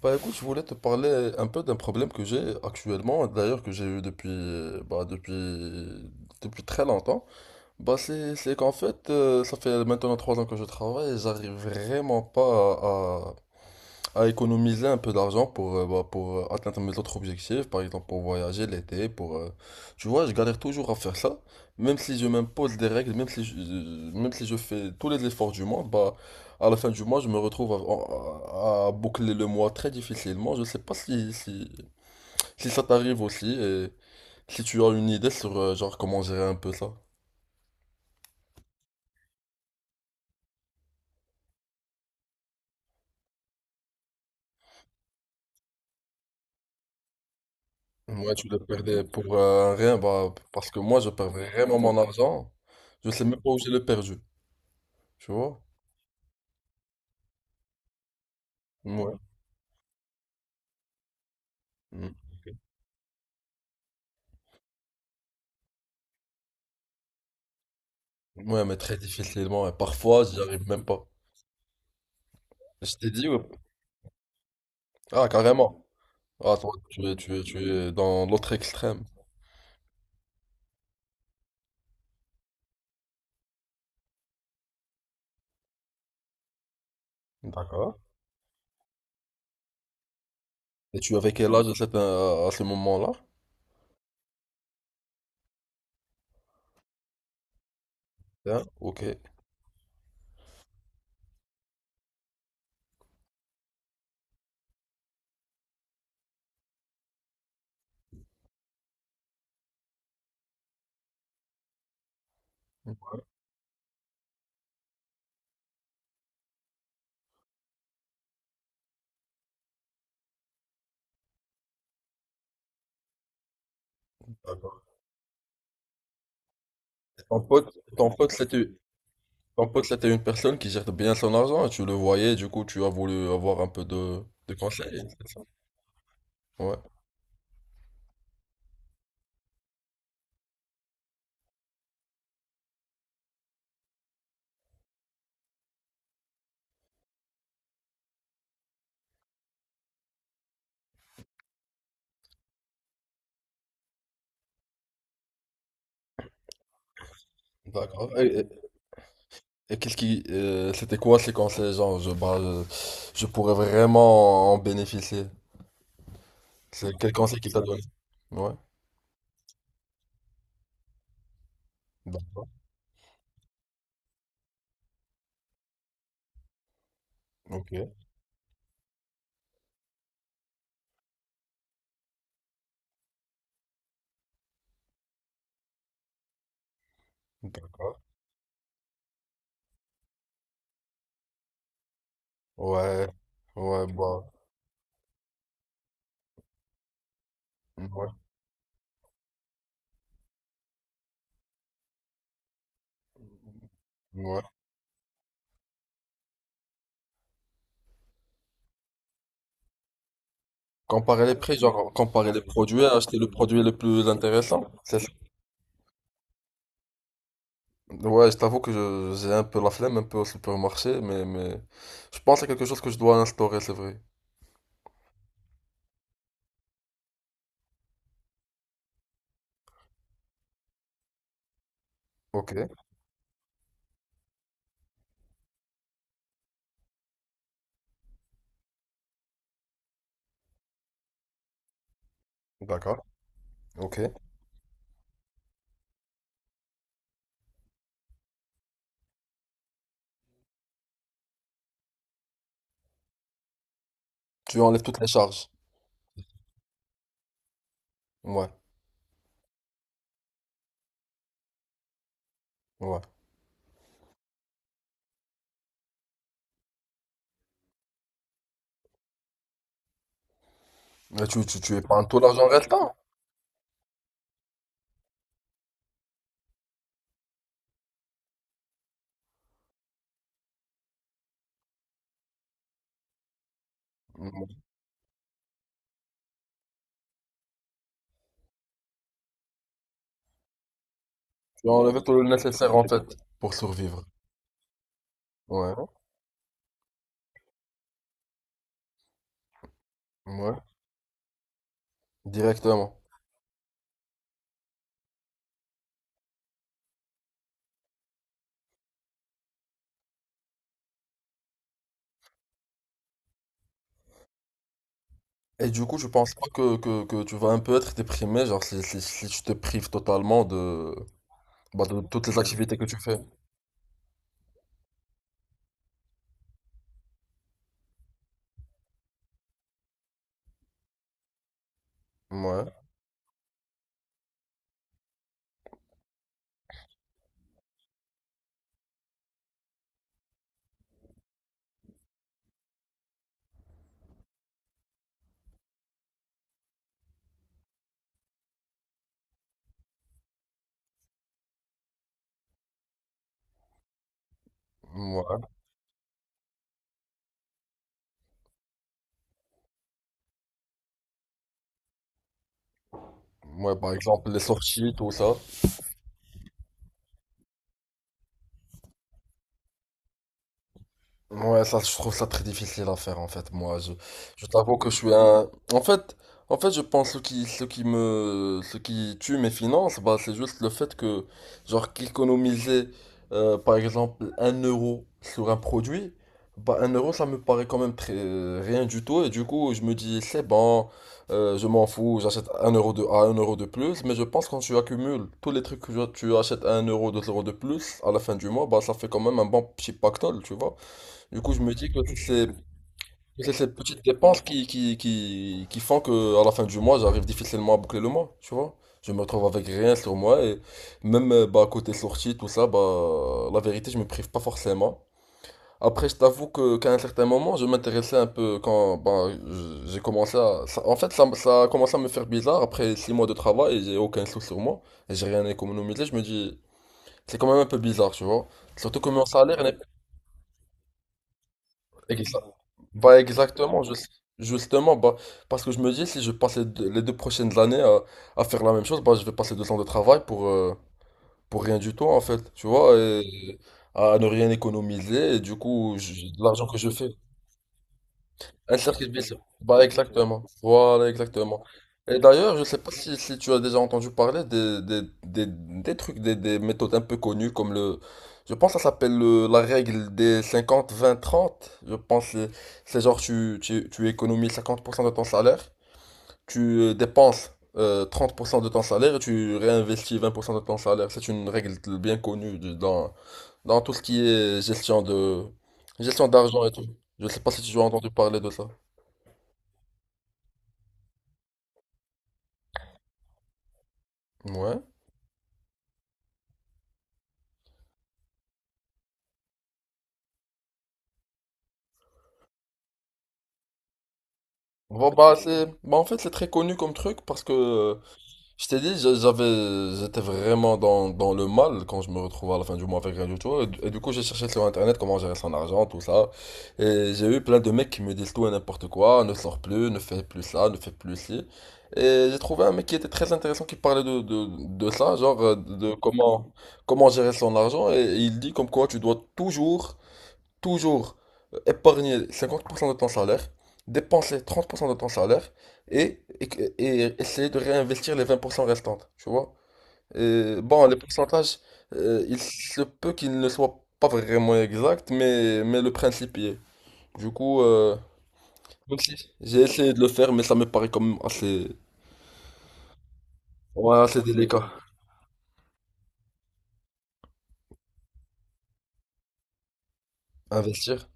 Bah écoute, je voulais te parler un peu d'un problème que j'ai actuellement, d'ailleurs que j'ai eu depuis, bah, depuis très longtemps. Bah c'est qu'en fait, ça fait maintenant 3 ans que je travaille et j'arrive vraiment pas à économiser un peu d'argent bah, pour atteindre mes autres objectifs, par exemple pour voyager l'été, tu vois, je galère toujours à faire ça, même si je m'impose des règles, même si même si je fais tous les efforts du monde, bah, à la fin du mois, je me retrouve à boucler le mois très difficilement. Je sais pas si ça t'arrive aussi, et si tu as une idée sur genre comment gérer un peu ça. Moi, tu le perdais pour rien, bah, parce que moi, je perds vraiment mon argent. Je sais même pas où j'ai le perdu, tu vois? Ouais. Mm. Ouais, mais très difficilement. Et parfois, j'y arrive même pas. Je t'ai dit, ouais. Ah, carrément. Ah, toi, tu es dans l'autre extrême. D'accord. Et tu avais quel âge à ce moment-là? Hein, ok. D'accord. Et ton pote, c'était une personne qui gère bien son argent et tu le voyais, du coup, tu as voulu avoir un peu de conseils, c'est ça? Ouais. D'accord. Et qu'est-ce qui, c'était quoi ces conseils, genre, bah, je pourrais vraiment en bénéficier. C'est quel conseil qu'il t'a donné? Ouais, d'accord, ok, d'accord. Ouais, ouais, bah, ouais, ouais. Comparer les prix, genre comparer les produits, acheter le produit le plus intéressant, c'est ça? Ouais, je t'avoue que j'ai un peu la flemme, un peu au supermarché, mais je pense à quelque chose que je dois instaurer, c'est vrai. Ok, d'accord, ok. Tu enlèves toutes les charges. Ouais, ouais. Mais tu épargnes tout l'argent restant. Tu enlèves tout le nécessaire en fait pour survivre. Ouais, ouais, directement. Et du coup, je pense pas que tu vas un peu être déprimé, genre si tu te prives totalement bah, de toutes les activités que tu fais. Ouais, ouais, ouais, par exemple les sorties, tout ça. Ouais, ça, je trouve ça très difficile à faire en fait. Moi, je t'avoue que je suis un. En fait, je pense ce qui tue mes finances, bah, c'est juste le fait que, genre, qu'économiser, par exemple, un euro sur un produit, bah, un euro, ça me paraît quand même très rien du tout. Et du coup, je me dis, c'est bon, je m'en fous, j'achète à un euro de plus. Mais je pense quand tu accumules tous les trucs que tu achètes à un euro, deux euros de plus, à la fin du mois, bah, ça fait quand même un bon petit pactole, tu vois. Du coup, je me dis que c'est ces petites dépenses qui font que à la fin du mois, j'arrive difficilement à boucler le mois, tu vois. Je me retrouve avec rien sur moi et même bah, côté sortie, tout ça, bah, la vérité, je me prive pas forcément. Après, je t'avoue que qu'à un certain moment, je m'intéressais un peu quand bah, je- j'ai commencé à... ça- en fait, ça a commencé à me faire bizarre après 6 mois de travail et j'ai aucun sou sur moi et j'ai rien économisé. Je me dis, c'est quand même un peu bizarre, tu vois. Surtout que mon salaire. Exa- Bah exactement, justement, bah, parce que je me dis, si je passe les 2 prochaines années à faire la même chose, bah, je vais passer 2 ans de travail pour rien du tout, en fait, tu vois, et à ne rien économiser, et du coup, l'argent que je fais, un circuit vicieux. Bah exactement. Voilà, exactement. Et d'ailleurs, je sais pas si tu as déjà entendu parler des méthodes un peu connues comme Je pense que ça s'appelle la règle des 50/30/20. Je pense que c'est genre tu économises 50% de ton salaire, tu dépenses 30% de ton salaire et tu réinvestis 20% de ton salaire. C'est une règle bien connue dans, tout ce qui est gestion d'argent et tout. Je sais pas si tu as entendu parler de ça. Ouais. Bon, bah, en fait, c'est très connu comme truc parce que, je t'ai dit, j'étais vraiment dans le mal quand je me retrouvais à la fin du mois avec rien du tout. Et du coup, j'ai cherché sur Internet comment gérer son argent, tout ça. Et j'ai eu plein de mecs qui me disent tout et n'importe quoi, ne sors plus, ne fais plus ça, ne fais plus ci. Et j'ai trouvé un mec qui était très intéressant qui parlait de ça, genre de comment gérer son argent. Et il dit comme quoi tu dois toujours épargner 50% de ton salaire, dépenser 30% de ton salaire et, et, et essayer de réinvestir les 20% restantes, tu vois. Et, bon, les pourcentages, il se peut qu'ils ne soient pas vraiment exacts, mais le principe y est. Du coup, même si j'ai essayé de le faire, mais ça me paraît quand même assez, ouais, assez délicat. Investir.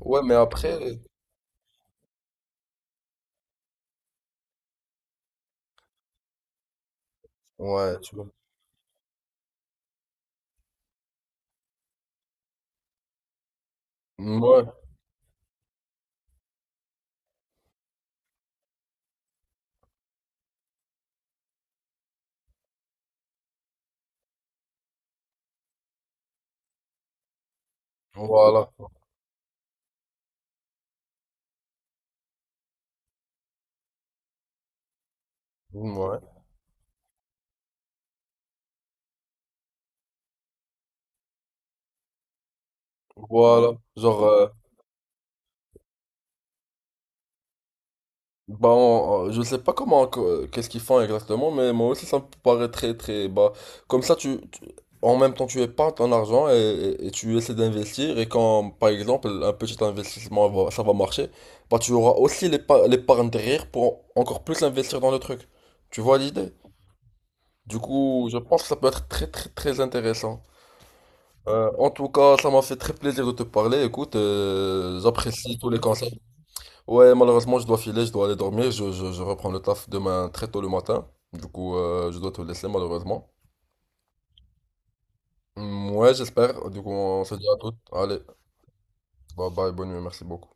Ouais, mais après, ouais, tu vois. Ouais, voilà. Ouais, voilà. Genre, Bon, je sais pas comment, qu'est-ce qu'ils font exactement, mais moi aussi ça me paraît très très bas. Comme ça, en même temps, tu épargnes ton argent et tu essaies d'investir. Et quand, par exemple, un petit investissement ça va marcher, bah tu auras aussi l'épargne derrière pour encore plus investir dans le truc. Tu vois l'idée? Du coup, je pense que ça peut être très très très intéressant. En tout cas, ça m'a fait très plaisir de te parler. Écoute, j'apprécie tous les conseils. Ouais, malheureusement, je dois filer, je dois aller dormir. Je reprends le taf demain très tôt le matin. Du coup, je dois te laisser, malheureusement. Mm, ouais, j'espère. Du coup, on se dit à toutes. Allez, bye bye, bonne nuit, merci beaucoup.